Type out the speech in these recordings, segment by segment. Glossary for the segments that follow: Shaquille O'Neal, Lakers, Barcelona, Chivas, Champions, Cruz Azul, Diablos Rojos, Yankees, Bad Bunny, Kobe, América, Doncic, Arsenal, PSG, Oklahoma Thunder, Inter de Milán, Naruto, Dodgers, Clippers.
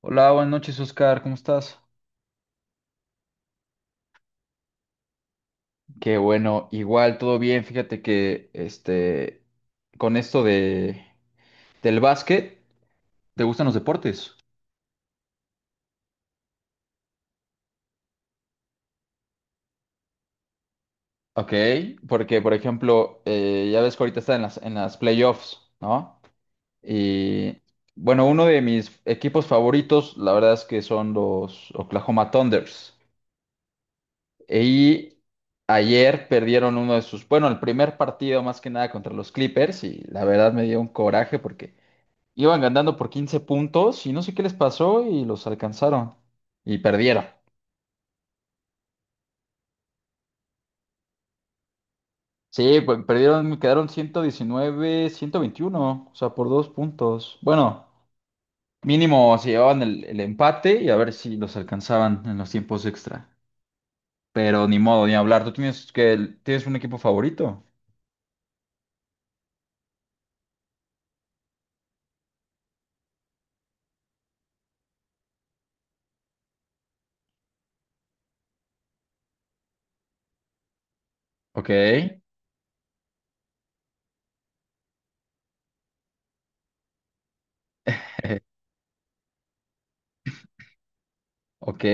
Hola, buenas noches, Oscar, ¿cómo estás? Qué bueno, igual todo bien. Fíjate que con esto de del básquet, ¿te gustan los deportes? Ok, porque por ejemplo, ya ves que ahorita está en las playoffs, ¿no? Y bueno, uno de mis equipos favoritos, la verdad es que son los Oklahoma Thunders. Y ayer perdieron uno de sus, bueno, el primer partido más que nada contra los Clippers y la verdad me dio un coraje porque iban ganando por 15 puntos y no sé qué les pasó y los alcanzaron. Y perdieron. Sí, pues perdieron, quedaron 119, 121, o sea, por dos puntos. Bueno, mínimo se llevaban el empate y a ver si los alcanzaban en los tiempos extra. Pero ni modo, ni hablar. ¿Tú tienes que tienes un equipo favorito? Ok, ok.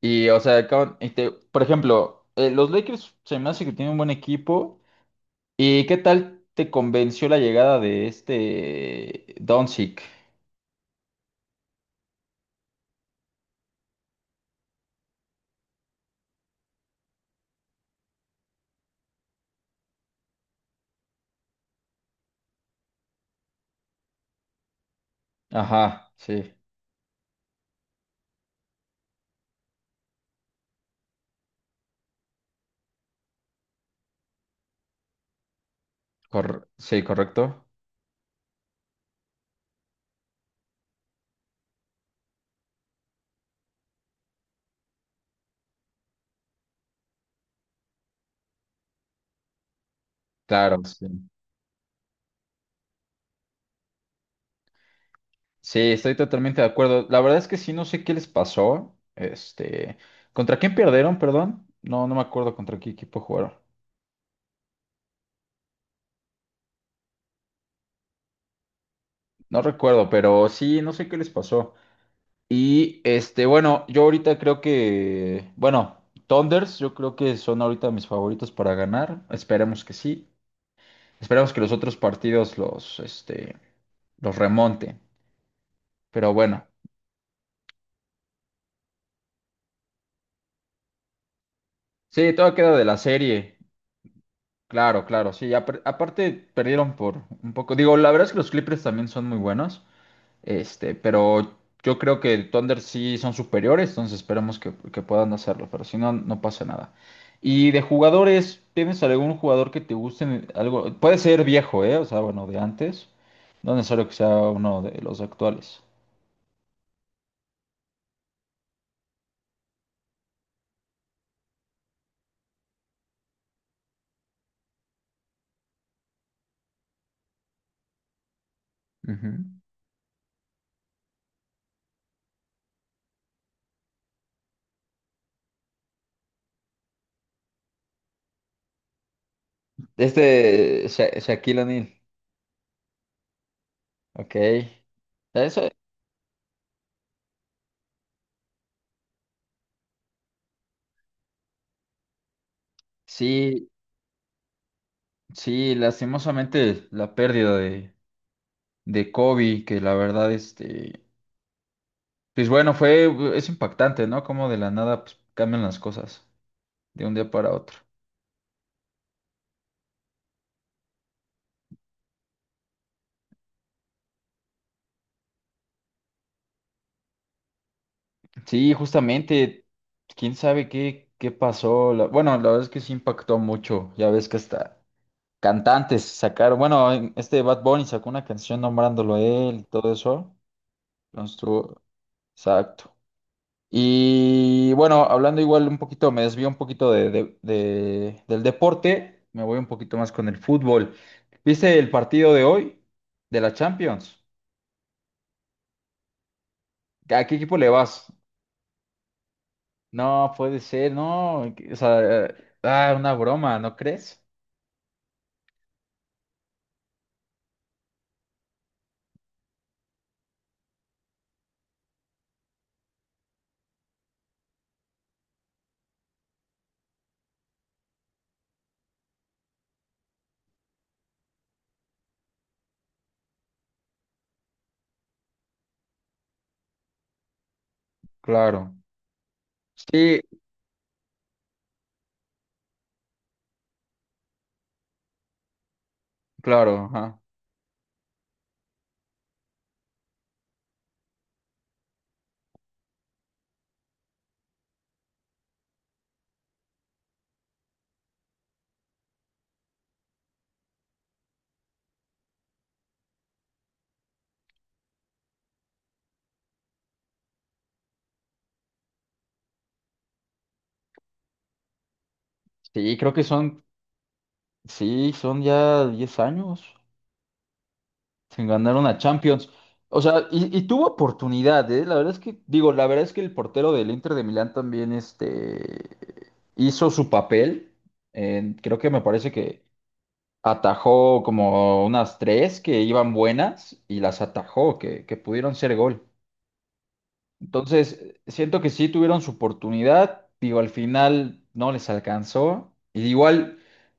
Y o sea, por ejemplo, los Lakers se me hace que tienen un buen equipo. ¿Y qué tal te convenció la llegada de este Doncic? Ajá, sí, sí, correcto. Claro, sí. Sí, estoy totalmente de acuerdo. La verdad es que sí, no sé qué les pasó. Este, ¿contra quién perdieron, perdón? No, no me acuerdo contra qué equipo jugaron. No recuerdo, pero sí, no sé qué les pasó. Y bueno, yo ahorita creo que, bueno, Thunders, yo creo que son ahorita mis favoritos para ganar. Esperemos que sí. Esperemos que los otros partidos los, los remonten. Pero bueno, sí, todo queda de la serie. Claro, claro, sí. Aparte perdieron por un poco. Digo, la verdad es que los Clippers también son muy buenos. Este, pero yo creo que el Thunder sí son superiores, entonces esperemos que puedan hacerlo. Pero si no, no pasa nada. Y de jugadores, ¿tienes algún jugador que te guste? Algo, puede ser viejo, ¿eh? O sea, bueno, de antes. No necesario que sea uno de los actuales. Ujú. Este Shaquille O'Neal. Ok. Eso, sí, sí, lastimosamente la pérdida de Kobe, que la verdad, pues bueno, fue, es impactante, ¿no? Como de la nada, pues, cambian las cosas de un día para otro. Sí, justamente, quién sabe qué, qué pasó. Bueno, la verdad es que sí impactó mucho. Ya ves que hasta cantantes sacaron, bueno, este Bad Bunny sacó una canción nombrándolo a él y todo eso. Entonces, exacto. Y bueno, hablando igual un poquito, me desvío un poquito de, del deporte, me voy un poquito más con el fútbol. ¿Viste el partido de hoy de la Champions? ¿A qué equipo le vas? No, puede ser, no. O sea, ah, una broma, ¿no crees? Claro. Sí, claro, ajá. Sí, creo que son, sí, son ya 10 años. Se ganaron a Champions. O sea, y tuvo oportunidad, ¿eh? La verdad es que, digo, la verdad es que el portero del Inter de Milán también, hizo su papel. Creo que me parece que atajó como unas tres que iban buenas y las atajó, que pudieron ser gol. Entonces, siento que sí tuvieron su oportunidad, digo, al final no les alcanzó. Y igual,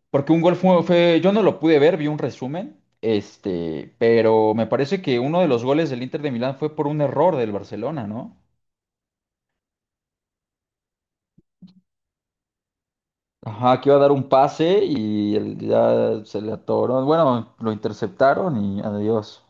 porque un gol fue, yo no lo pude ver, vi un resumen, pero me parece que uno de los goles del Inter de Milán fue por un error del Barcelona, ¿no? Ajá, que iba a dar un pase y él ya se le atoró. Bueno, lo interceptaron y adiós.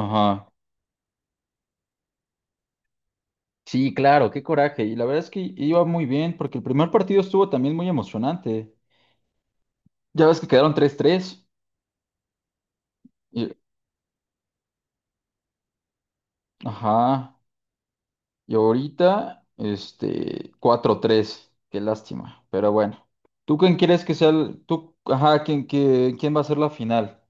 Ajá. Sí, claro, qué coraje. Y la verdad es que iba muy bien, porque el primer partido estuvo también muy emocionante. Ya ves que quedaron tres tres. Ajá. Y ahorita, cuatro tres. Qué lástima. Pero bueno. ¿Tú quién quieres que sea el... Tú, ajá, ¿quién, quién va a ser la final?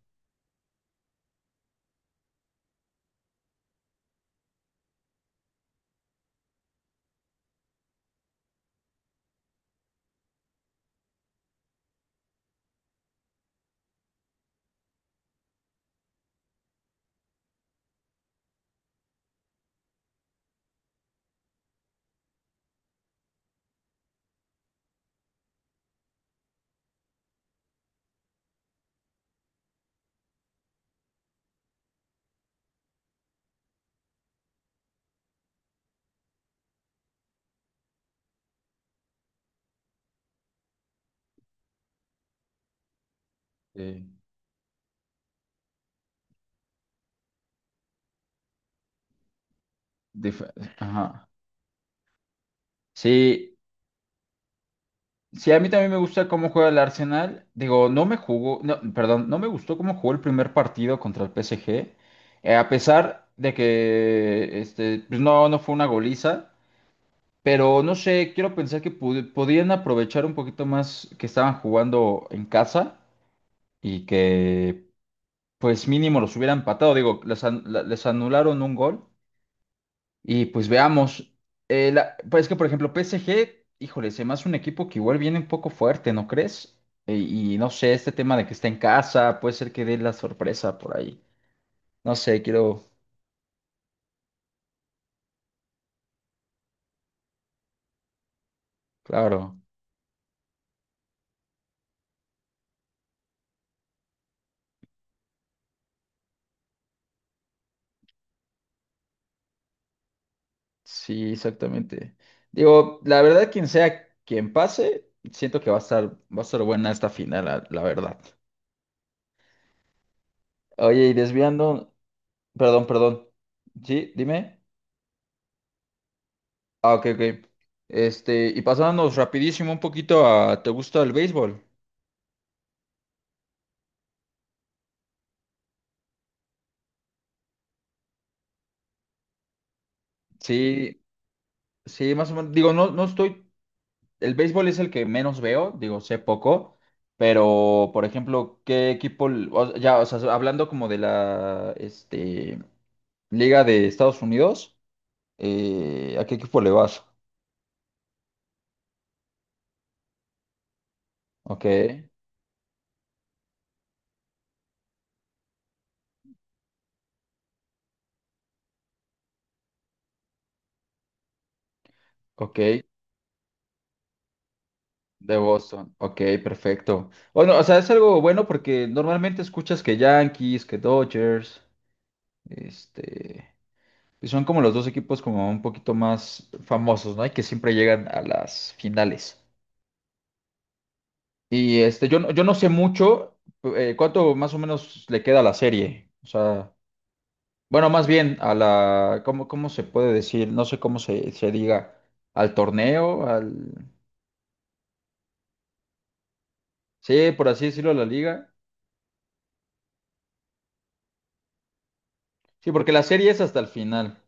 Eh, dif- ajá. Sí, sí, a mí también me gusta cómo juega el Arsenal. Digo, no me jugó, no, perdón, no me gustó cómo jugó el primer partido contra el PSG. A pesar de que, pues no, no fue una goliza. Pero no sé, quiero pensar que podían aprovechar un poquito más que estaban jugando en casa y que pues mínimo los hubiera empatado, digo, les, les anularon un gol y pues veamos. Pues es que por ejemplo PSG, híjole, se me hace un equipo que igual viene un poco fuerte, ¿no crees? Y no sé, este tema de que está en casa, puede ser que dé la sorpresa por ahí, no sé, quiero, claro, sí, exactamente. Digo, la verdad, quien sea quien pase, siento que va a estar buena esta final, la verdad. Oye, y desviando, perdón, perdón. Sí, dime. Ah, ok, ok. Este, y pasándonos rapidísimo un poquito a, ¿te gusta el béisbol? Sí, sí, más o menos. Digo, no, no estoy, el béisbol es el que menos veo, digo, sé poco, pero, por ejemplo, ¿qué equipo, ya, o sea, hablando como de la, Liga de Estados Unidos, ¿a qué equipo le vas? Ok, ok. De Boston, ok, perfecto. Bueno, o sea, es algo bueno porque normalmente escuchas que Yankees, que Dodgers, este... Y son como los dos equipos como un poquito más famosos, ¿no? Y que siempre llegan a las finales. Y yo, yo no sé mucho cuánto más o menos le queda a la serie. O sea, bueno, más bien a la, ¿cómo, cómo se puede decir? No sé cómo se, se diga. Al torneo, al... Sí, por así decirlo, a la liga. Sí, porque la serie es hasta el final.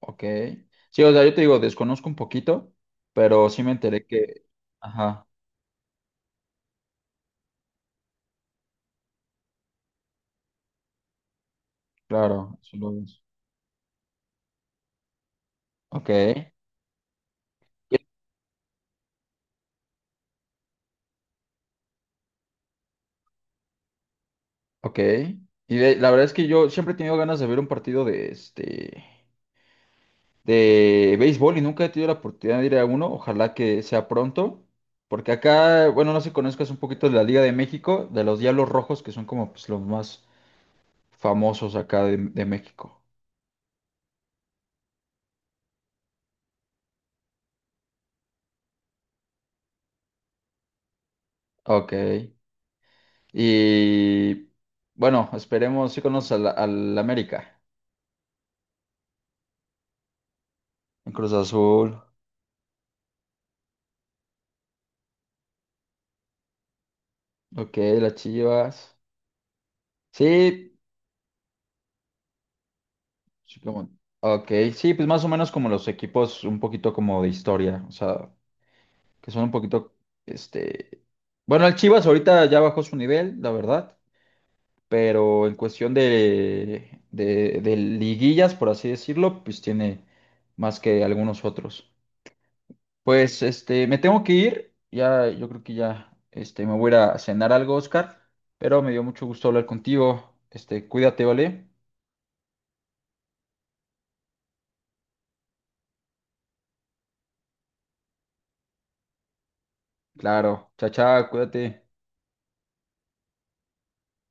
Ok. Sí, o sea, yo te digo, desconozco un poquito, pero sí me enteré que... Ajá, claro, eso lo es. Ok. Ok. La verdad es que yo siempre he tenido ganas de ver un partido de de béisbol y nunca he tenido la oportunidad de ir a uno. Ojalá que sea pronto. Porque acá, bueno, no sé si conozcas un poquito de la Liga de México, de los Diablos Rojos, que son como pues, los más famosos acá de México. Ok. Y bueno, esperemos si conoces al, al América, en Cruz Azul. Ok, las Chivas. Sí, sí, como... Ok, sí, pues más o menos como los equipos un poquito como de historia, o sea, que son un poquito, este... Bueno, el Chivas ahorita ya bajó su nivel, la verdad, pero en cuestión de, de liguillas, por así decirlo, pues tiene más que algunos otros. Pues, me tengo que ir, ya, yo creo que ya, me voy a ir a cenar algo, Oscar, pero me dio mucho gusto hablar contigo, cuídate, ¿vale? Claro, chao, chao, cuídate.